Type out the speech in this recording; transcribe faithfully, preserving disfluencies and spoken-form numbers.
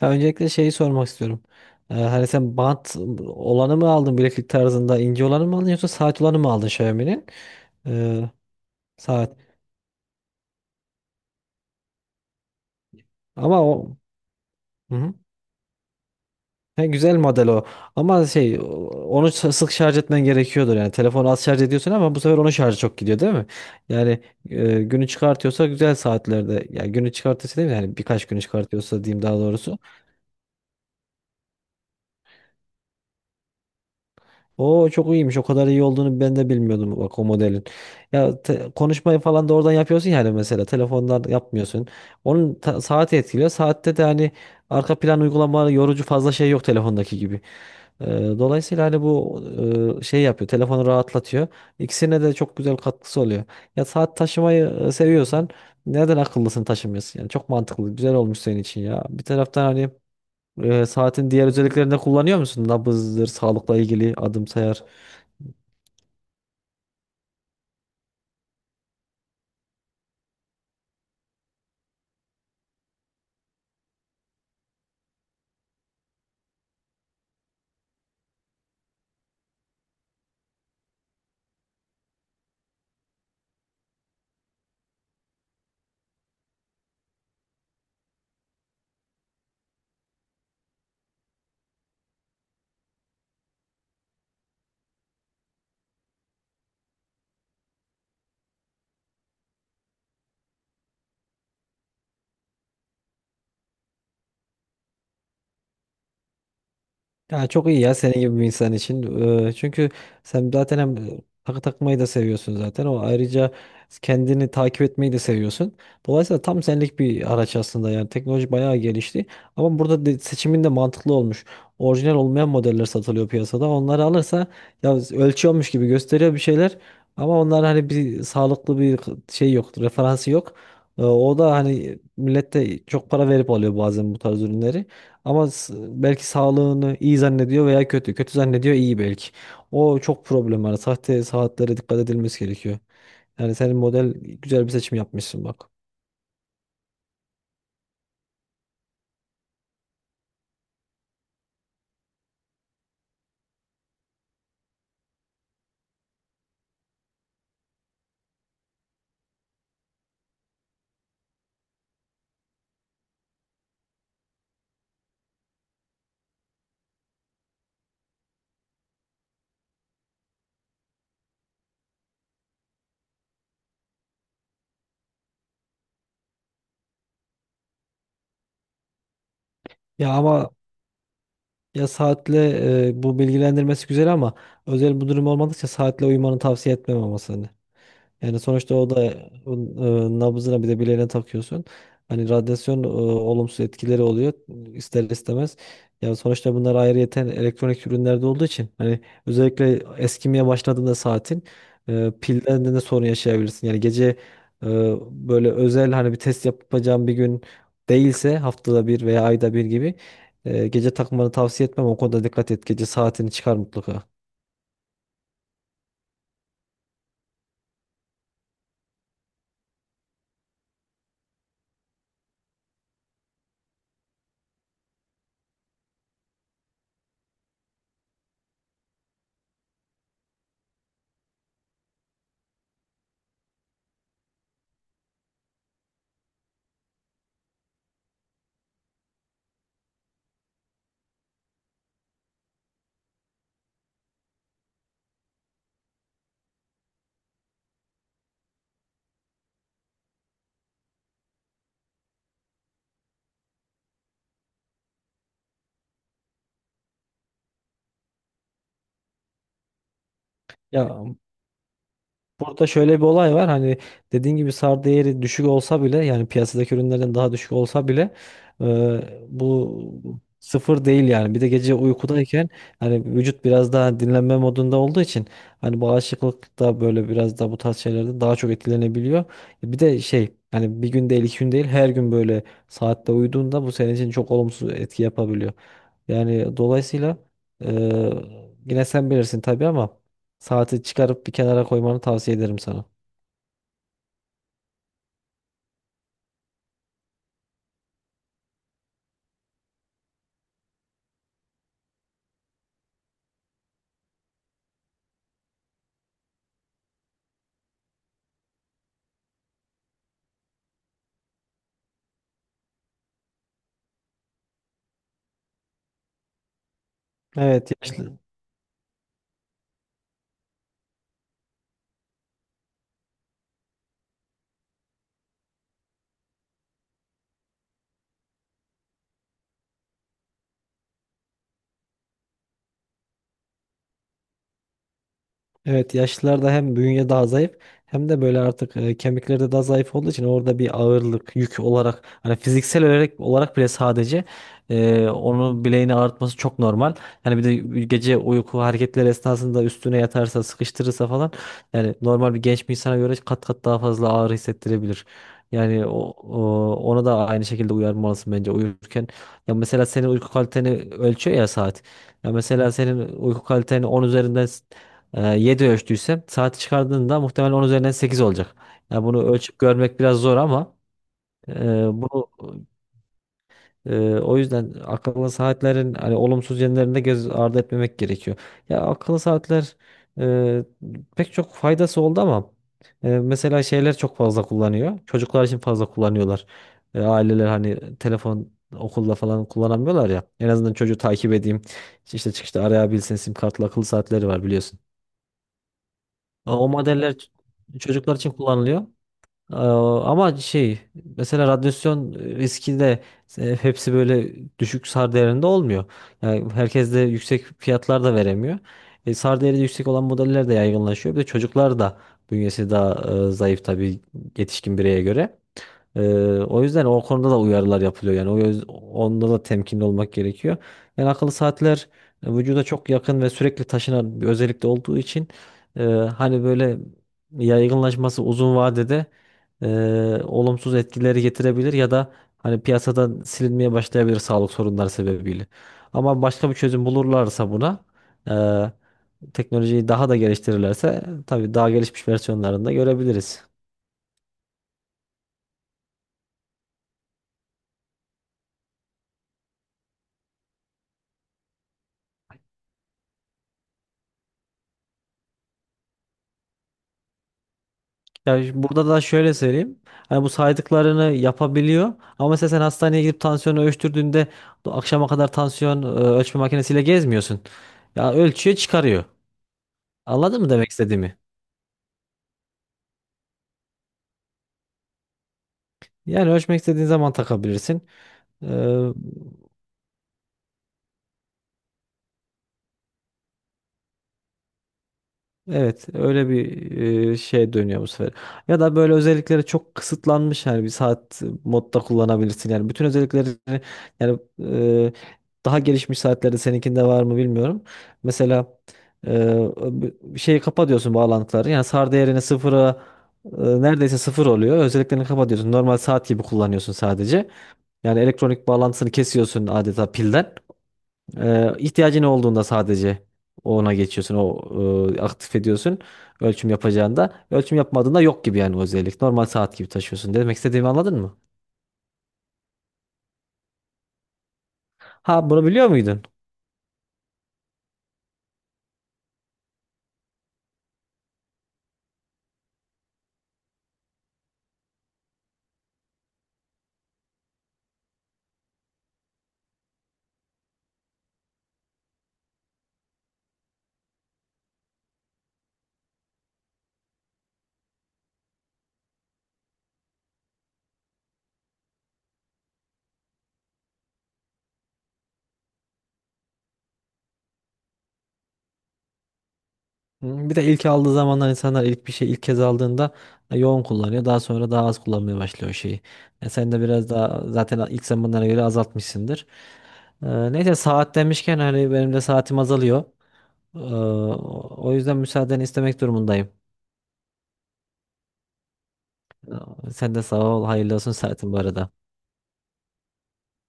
Ya öncelikle şeyi sormak istiyorum. Ee, hani sen bant olanı mı aldın bileklik tarzında ince olanı mı aldın yoksa saat olanı mı aldın Xiaomi'nin? Ee, Saat. Ama o. Hı hı. He, güzel model o. Ama şey o- onu ç- sık şarj etmen gerekiyordur yani. Telefonu az şarj ediyorsun ama bu sefer onun şarjı çok gidiyor değil mi? Yani e, günü çıkartıyorsa güzel saatlerde. Yani günü çıkartıyorsa değil mi? Yani birkaç günü çıkartıyorsa diyeyim daha doğrusu. O çok iyiymiş. O kadar iyi olduğunu ben de bilmiyordum bak o modelin. Ya te- konuşmayı falan da oradan yapıyorsun yani mesela telefondan yapmıyorsun. Onun ta- saati etkiliyor. Saatte de hani arka plan uygulamaları yorucu fazla şey yok telefondaki gibi. Ee, Dolayısıyla hani bu e, şey yapıyor. Telefonu rahatlatıyor. İkisine de çok güzel katkısı oluyor. Ya saat taşımayı e, seviyorsan neden akıllısını taşımıyorsun? Yani çok mantıklı. Güzel olmuş senin için ya. Bir taraftan hani e, saatin diğer özelliklerini de kullanıyor musun? Nabızdır, sağlıkla ilgili adım sayar. Ya çok iyi ya senin gibi bir insan için. Ee, çünkü sen zaten hem takı takmayı da seviyorsun zaten. O ayrıca kendini takip etmeyi de seviyorsun. Dolayısıyla tam senlik bir araç aslında yani teknoloji bayağı gelişti. Ama burada de- seçimin de mantıklı olmuş. Orijinal olmayan modeller satılıyor piyasada. Onları alırsa ya ölçüyormuş gibi gösteriyor bir şeyler. Ama onlar hani bir sağlıklı bir şey yok, referansı yok. Ee, o da hani millet de çok para verip alıyor bazen bu tarz ürünleri. Ama s- belki sağlığını iyi zannediyor veya kötü. Kötü zannediyor iyi belki. O çok problem var. Sahte saatlere dikkat edilmesi gerekiyor. Yani senin model güzel bir seçim yapmışsın bak. Ya ama ya saatle e, bu bilgilendirmesi güzel ama özel bu durum olmadıkça saatle uyumanı tavsiye etmem ama seni. Yani sonuçta o da e, nabzına bir de bileğine takıyorsun. Hani radyasyon e, olumsuz etkileri oluyor ister istemez. Yani sonuçta bunlar ayrıyeten elektronik ürünlerde olduğu için hani özellikle eskimeye başladığında saatin e, pilden de sorun yaşayabilirsin. Yani gece e, böyle özel hani bir test yapacağım bir gün değilse haftada bir veya ayda bir gibi e, gece takmanı tavsiye etmem. O konuda dikkat et. Gece saatini çıkar mutlaka. Ya, Burada şöyle bir olay var. Hani dediğin gibi SAR değeri düşük olsa bile yani piyasadaki ürünlerden daha düşük olsa bile e, bu sıfır değil yani. Bir de gece uykudayken hani vücut biraz daha dinlenme modunda olduğu için hani bağışıklık da böyle biraz da bu tarz şeylerde daha çok etkilenebiliyor. E, Bir de şey hani bir gün değil iki gün değil her gün böyle saatte uyuduğunda bu senin için çok olumsuz etki yapabiliyor. Yani dolayısıyla e, yine sen bilirsin tabii ama saati çıkarıp bir kenara koymanı tavsiye ederim sana. Evet yaşlı. Tamam. Evet yaşlılarda hem bünye daha zayıf hem de böyle artık e, kemikleri de daha zayıf olduğu için orada bir ağırlık yük olarak hani fiziksel olarak, olarak, bile sadece e, onu bileğini ağrıtması çok normal. Yani bir de gece uyku hareketleri esnasında üstüne yatarsa sıkıştırırsa falan yani normal bir genç bir insana göre kat kat daha fazla ağrı hissettirebilir. Yani o, o- ona da aynı şekilde uyarmalısın bence uyurken. Ya mesela senin uyku kaliteni ölçüyor ya saat. Ya mesela senin uyku kaliteni on üzerinden e, yedi ölçtüysem saati çıkardığında muhtemelen on üzerinden sekiz olacak. Yani bunu ölçüp görmek biraz zor ama e, bunu e, o yüzden akıllı saatlerin hani olumsuz yönlerini de göz ardı etmemek gerekiyor. Ya akıllı saatler e, pek çok faydası oldu ama e, mesela şeyler çok fazla kullanıyor. Çocuklar için fazla kullanıyorlar. E, aileler hani telefon okulda falan kullanamıyorlar ya. En azından çocuğu takip edeyim. İşte çıkışta arayabilsin. Sim kartlı akıllı saatleri var biliyorsun. Aa, o modeller ç- çocuklar için kullanılıyor. Aa, ama şey mesela radyasyon e, riski de e, hepsi böyle düşük SAR değerinde olmuyor. Yani herkes de yüksek fiyatlar da veremiyor. E, SAR değeri yüksek olan modeller de yaygınlaşıyor. Bir de çocuklar da bünyesi daha e, zayıf tabii yetişkin bireye göre. Ee, O yüzden o konuda da uyarılar yapılıyor yani o yüz- onda da temkinli olmak gerekiyor. Yani akıllı saatler e, vücuda çok yakın ve sürekli taşınan bir özellikle olduğu için e, hani böyle yaygınlaşması uzun vadede e, olumsuz etkileri getirebilir ya da hani piyasadan silinmeye başlayabilir sağlık sorunları sebebiyle. Ama başka bir çözüm bulurlarsa buna e, teknolojiyi daha da geliştirirlerse tabii daha gelişmiş versiyonlarında görebiliriz. Ya şimdi burada da şöyle söyleyeyim. Hani bu saydıklarını yapabiliyor. Ama mesela sen hastaneye gidip tansiyonu ölçtürdüğünde do- akşama kadar tansiyon e, ölçme makinesiyle gezmiyorsun. Ya ölçüyor çıkarıyor. Anladın mı demek istediğimi? Yani ölçmek istediğin zaman takabilirsin. E, Evet, öyle bir e, şey dönüyor bu sefer. Ya da böyle özellikleri çok kısıtlanmış yani bir saat modda kullanabilirsin. Yani bütün özellikleri yani e, daha gelişmiş saatlerde seninkinde var mı bilmiyorum. Mesela e, bir şeyi kapa diyorsun bağlantıları. Yani SAR değerini sıfıra e, neredeyse sıfır oluyor. Özelliklerini kapa diyorsun. Normal saat gibi kullanıyorsun sadece. Yani elektronik bağlantısını kesiyorsun adeta pilden. Ee, ihtiyacın olduğunda sadece ona geçiyorsun, o e, aktif ediyorsun ölçüm yapacağında. Ölçüm yapmadığında yok gibi yani o özellik. Normal saat gibi taşıyorsun. Demek istediğimi anladın mı? Ha, bunu biliyor muydun? Hı, bir de ilk aldığı zamanlar insanlar ilk bir şey ilk kez aldığında e, yoğun kullanıyor. Daha sonra daha az kullanmaya başlıyor o şeyi. E, sen de biraz daha zaten ilk zamanlara göre azaltmışsındır. Ee, neyse saat demişken hani benim de saatim azalıyor. Ee, o yüzden müsaadeni istemek durumundayım. Sen de sağ ol. Hayırlı olsun saatin bu arada.